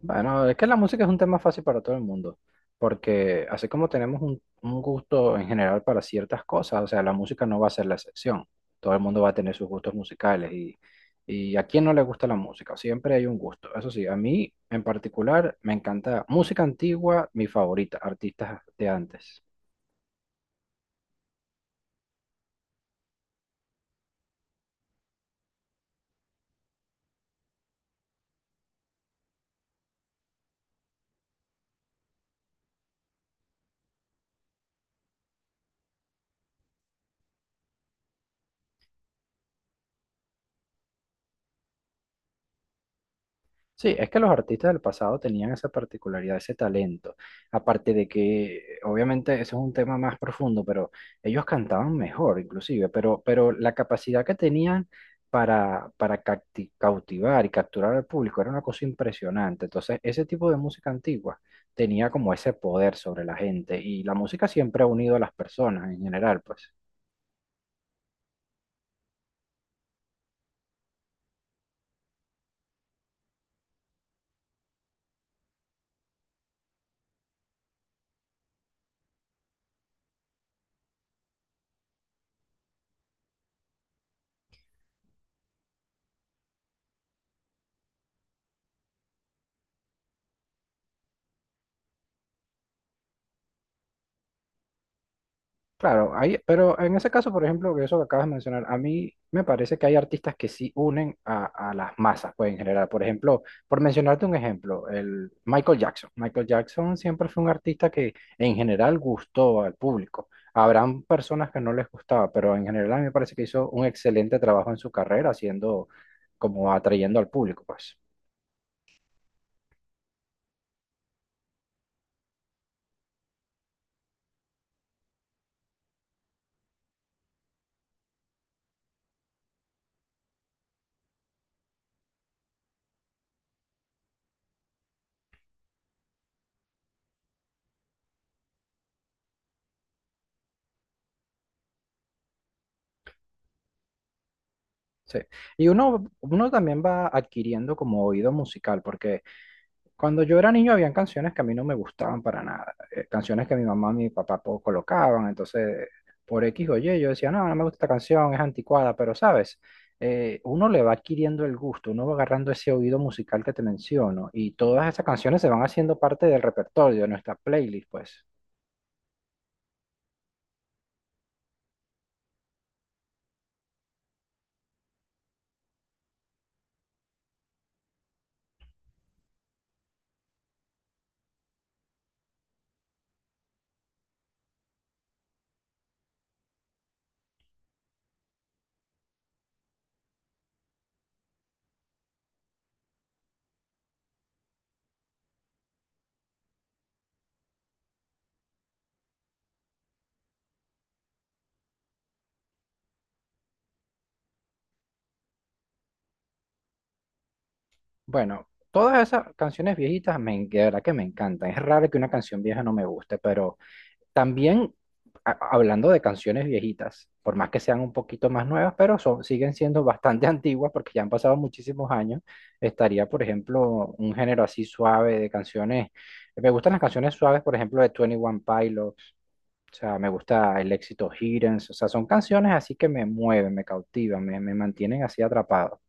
Bueno, es que la música es un tema fácil para todo el mundo, porque así como tenemos un gusto en general para ciertas cosas, o sea, la música no va a ser la excepción. Todo el mundo va a tener sus gustos musicales y a quién no le gusta la música, siempre hay un gusto. Eso sí, a mí en particular me encanta música antigua, mi favorita, artistas de antes. Sí, es que los artistas del pasado tenían esa particularidad, ese talento. Aparte de que, obviamente, eso es un tema más profundo, pero ellos cantaban mejor, inclusive, pero la capacidad que tenían para cautivar y capturar al público era una cosa impresionante. Entonces, ese tipo de música antigua tenía como ese poder sobre la gente y la música siempre ha unido a las personas en general, pues. Claro, hay, pero en ese caso, por ejemplo, que eso que acabas de mencionar, a mí me parece que hay artistas que sí unen a las masas, pues en general. Por ejemplo, por mencionarte un ejemplo, el Michael Jackson. Michael Jackson siempre fue un artista que en general gustó al público. Habrán personas que no les gustaba, pero en general a mí me parece que hizo un excelente trabajo en su carrera, haciendo como atrayendo al público, pues. Sí. Y uno también va adquiriendo como oído musical, porque cuando yo era niño habían canciones que a mí no me gustaban para nada, canciones que mi mamá y mi papá colocaban, entonces por X o Y yo decía, no, no me gusta esta canción, es anticuada, pero sabes, uno le va adquiriendo el gusto, uno va agarrando ese oído musical que te menciono y todas esas canciones se van haciendo parte del repertorio de nuestra playlist, pues. Bueno, todas esas canciones viejitas, de verdad que me encantan, es raro que una canción vieja no me guste, pero también, hablando de canciones viejitas, por más que sean un poquito más nuevas, pero son, siguen siendo bastante antiguas porque ya han pasado muchísimos años, estaría, por ejemplo, un género así suave de canciones. Me gustan las canciones suaves, por ejemplo, de Twenty One Pilots, o sea, me gusta el éxito Hidden, o sea, son canciones así que me mueven, me cautivan, me mantienen así atrapado.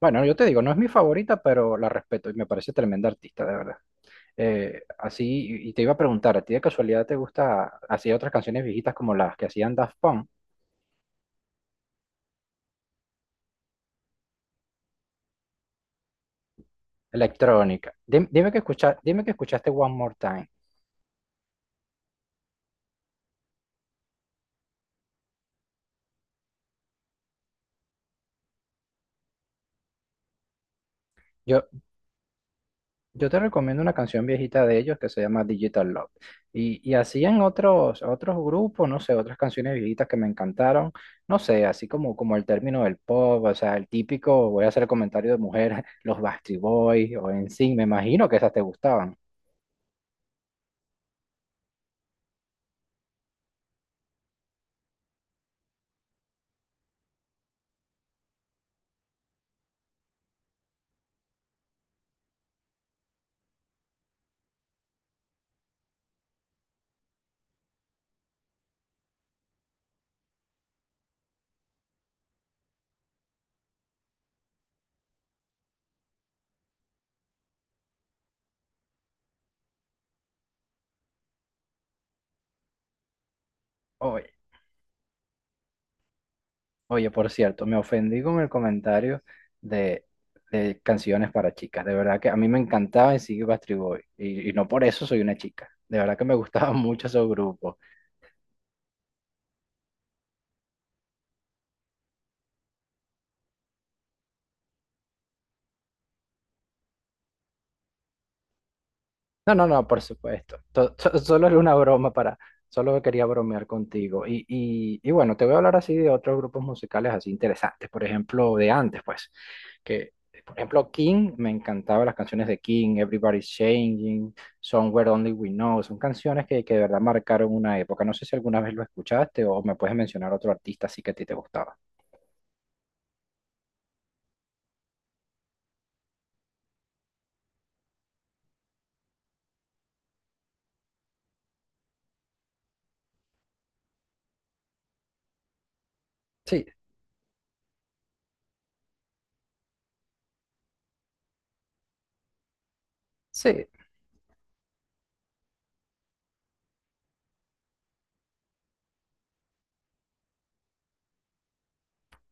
Bueno, yo te digo, no es mi favorita, pero la respeto y me parece tremenda artista, de verdad. Así, y te iba a preguntar, ¿a ti de casualidad te gusta hacía otras canciones viejitas como las que hacían Daft Punk? Electrónica. Dime, que escucha, dime que escuchaste One More Time. Yo, yo te recomiendo una canción viejita de ellos que se llama Digital Love. Y hacían otros grupos, no sé, otras canciones viejitas que me encantaron. No sé, así como, como el término del pop, o sea, el típico, voy a hacer el comentario de mujeres, los Backstreet Boys o en sí, me imagino que esas te gustaban. Oye, por cierto, me ofendí con el comentario de, de canciones para chicas. De verdad que a mí me encantaba y sigue Backstreet Boys. No por eso soy una chica. De verdad que me gustaba mucho ese grupo. No, no, no, por supuesto. Solo era una broma para, solo quería bromear contigo. Y bueno, te voy a hablar así de otros grupos musicales así interesantes, por ejemplo, de antes, pues, que, por ejemplo, King, me encantaban las canciones de King, Everybody's Changing, Somewhere Only We Know, son canciones que de verdad marcaron una época. No sé si alguna vez lo escuchaste o me puedes mencionar otro artista así que a ti te gustaba. Sí, sí,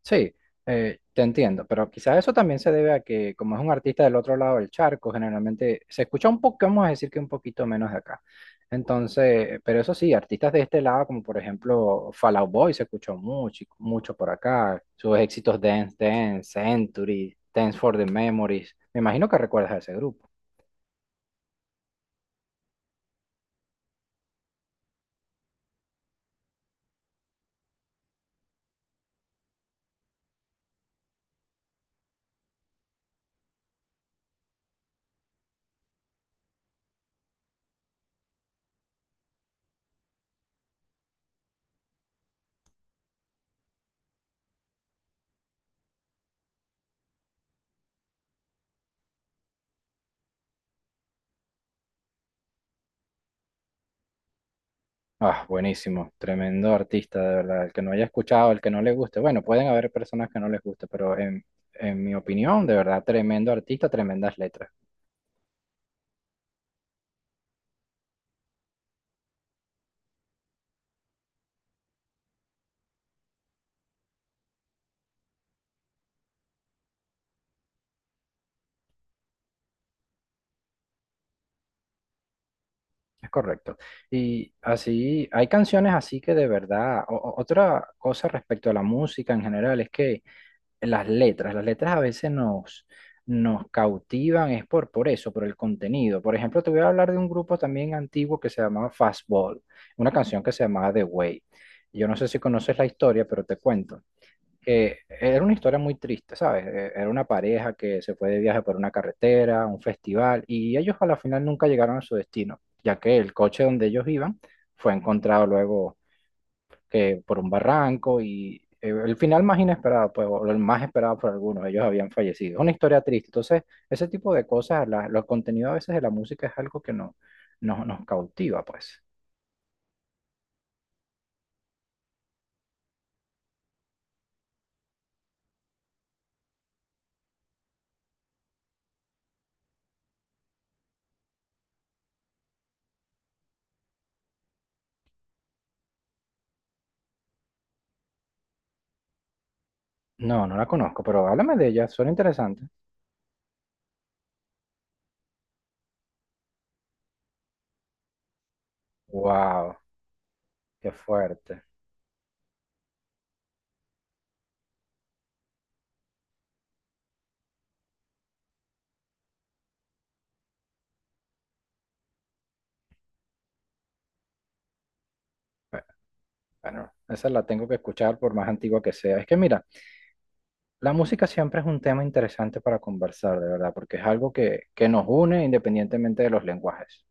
Sí, te entiendo, pero quizás eso también se debe a que como es un artista del otro lado del charco, generalmente se escucha un poco, vamos a decir que un poquito menos de acá. Entonces, pero eso sí, artistas de este lado, como por ejemplo Fall Out Boy, se escuchó mucho, mucho por acá, sus éxitos Dance Dance, Century, Dance for the Memories, me imagino que recuerdas a ese grupo. Ah, buenísimo, tremendo artista, de verdad. El que no haya escuchado, el que no le guste, bueno, pueden haber personas que no les guste, en mi opinión, de verdad, tremendo artista, tremendas letras. Es correcto. Y así, hay canciones así que de verdad, otra cosa respecto a la música en general es que las letras a veces nos cautivan, es por eso, por el contenido. Por ejemplo, te voy a hablar de un grupo también antiguo que se llamaba Fastball, una canción que se llamaba The Way. Yo no sé si conoces la historia, pero te cuento. Era una historia muy triste, ¿sabes? Era una pareja que se fue de viaje por una carretera, un festival, y ellos a la final nunca llegaron a su destino, ya que el coche donde ellos iban fue encontrado luego que por un barranco y el final más inesperado, pues, o el más esperado por algunos, ellos habían fallecido. Es una historia triste. Entonces, ese tipo de cosas, los contenidos a veces de la música es algo que nos cautiva, pues. No, no la conozco, pero háblame de ella, suena interesante. Wow, qué fuerte. Bueno, esa la tengo que escuchar por más antigua que sea. Es que mira, la música siempre es un tema interesante para conversar, de verdad, porque es algo que nos une independientemente de los lenguajes.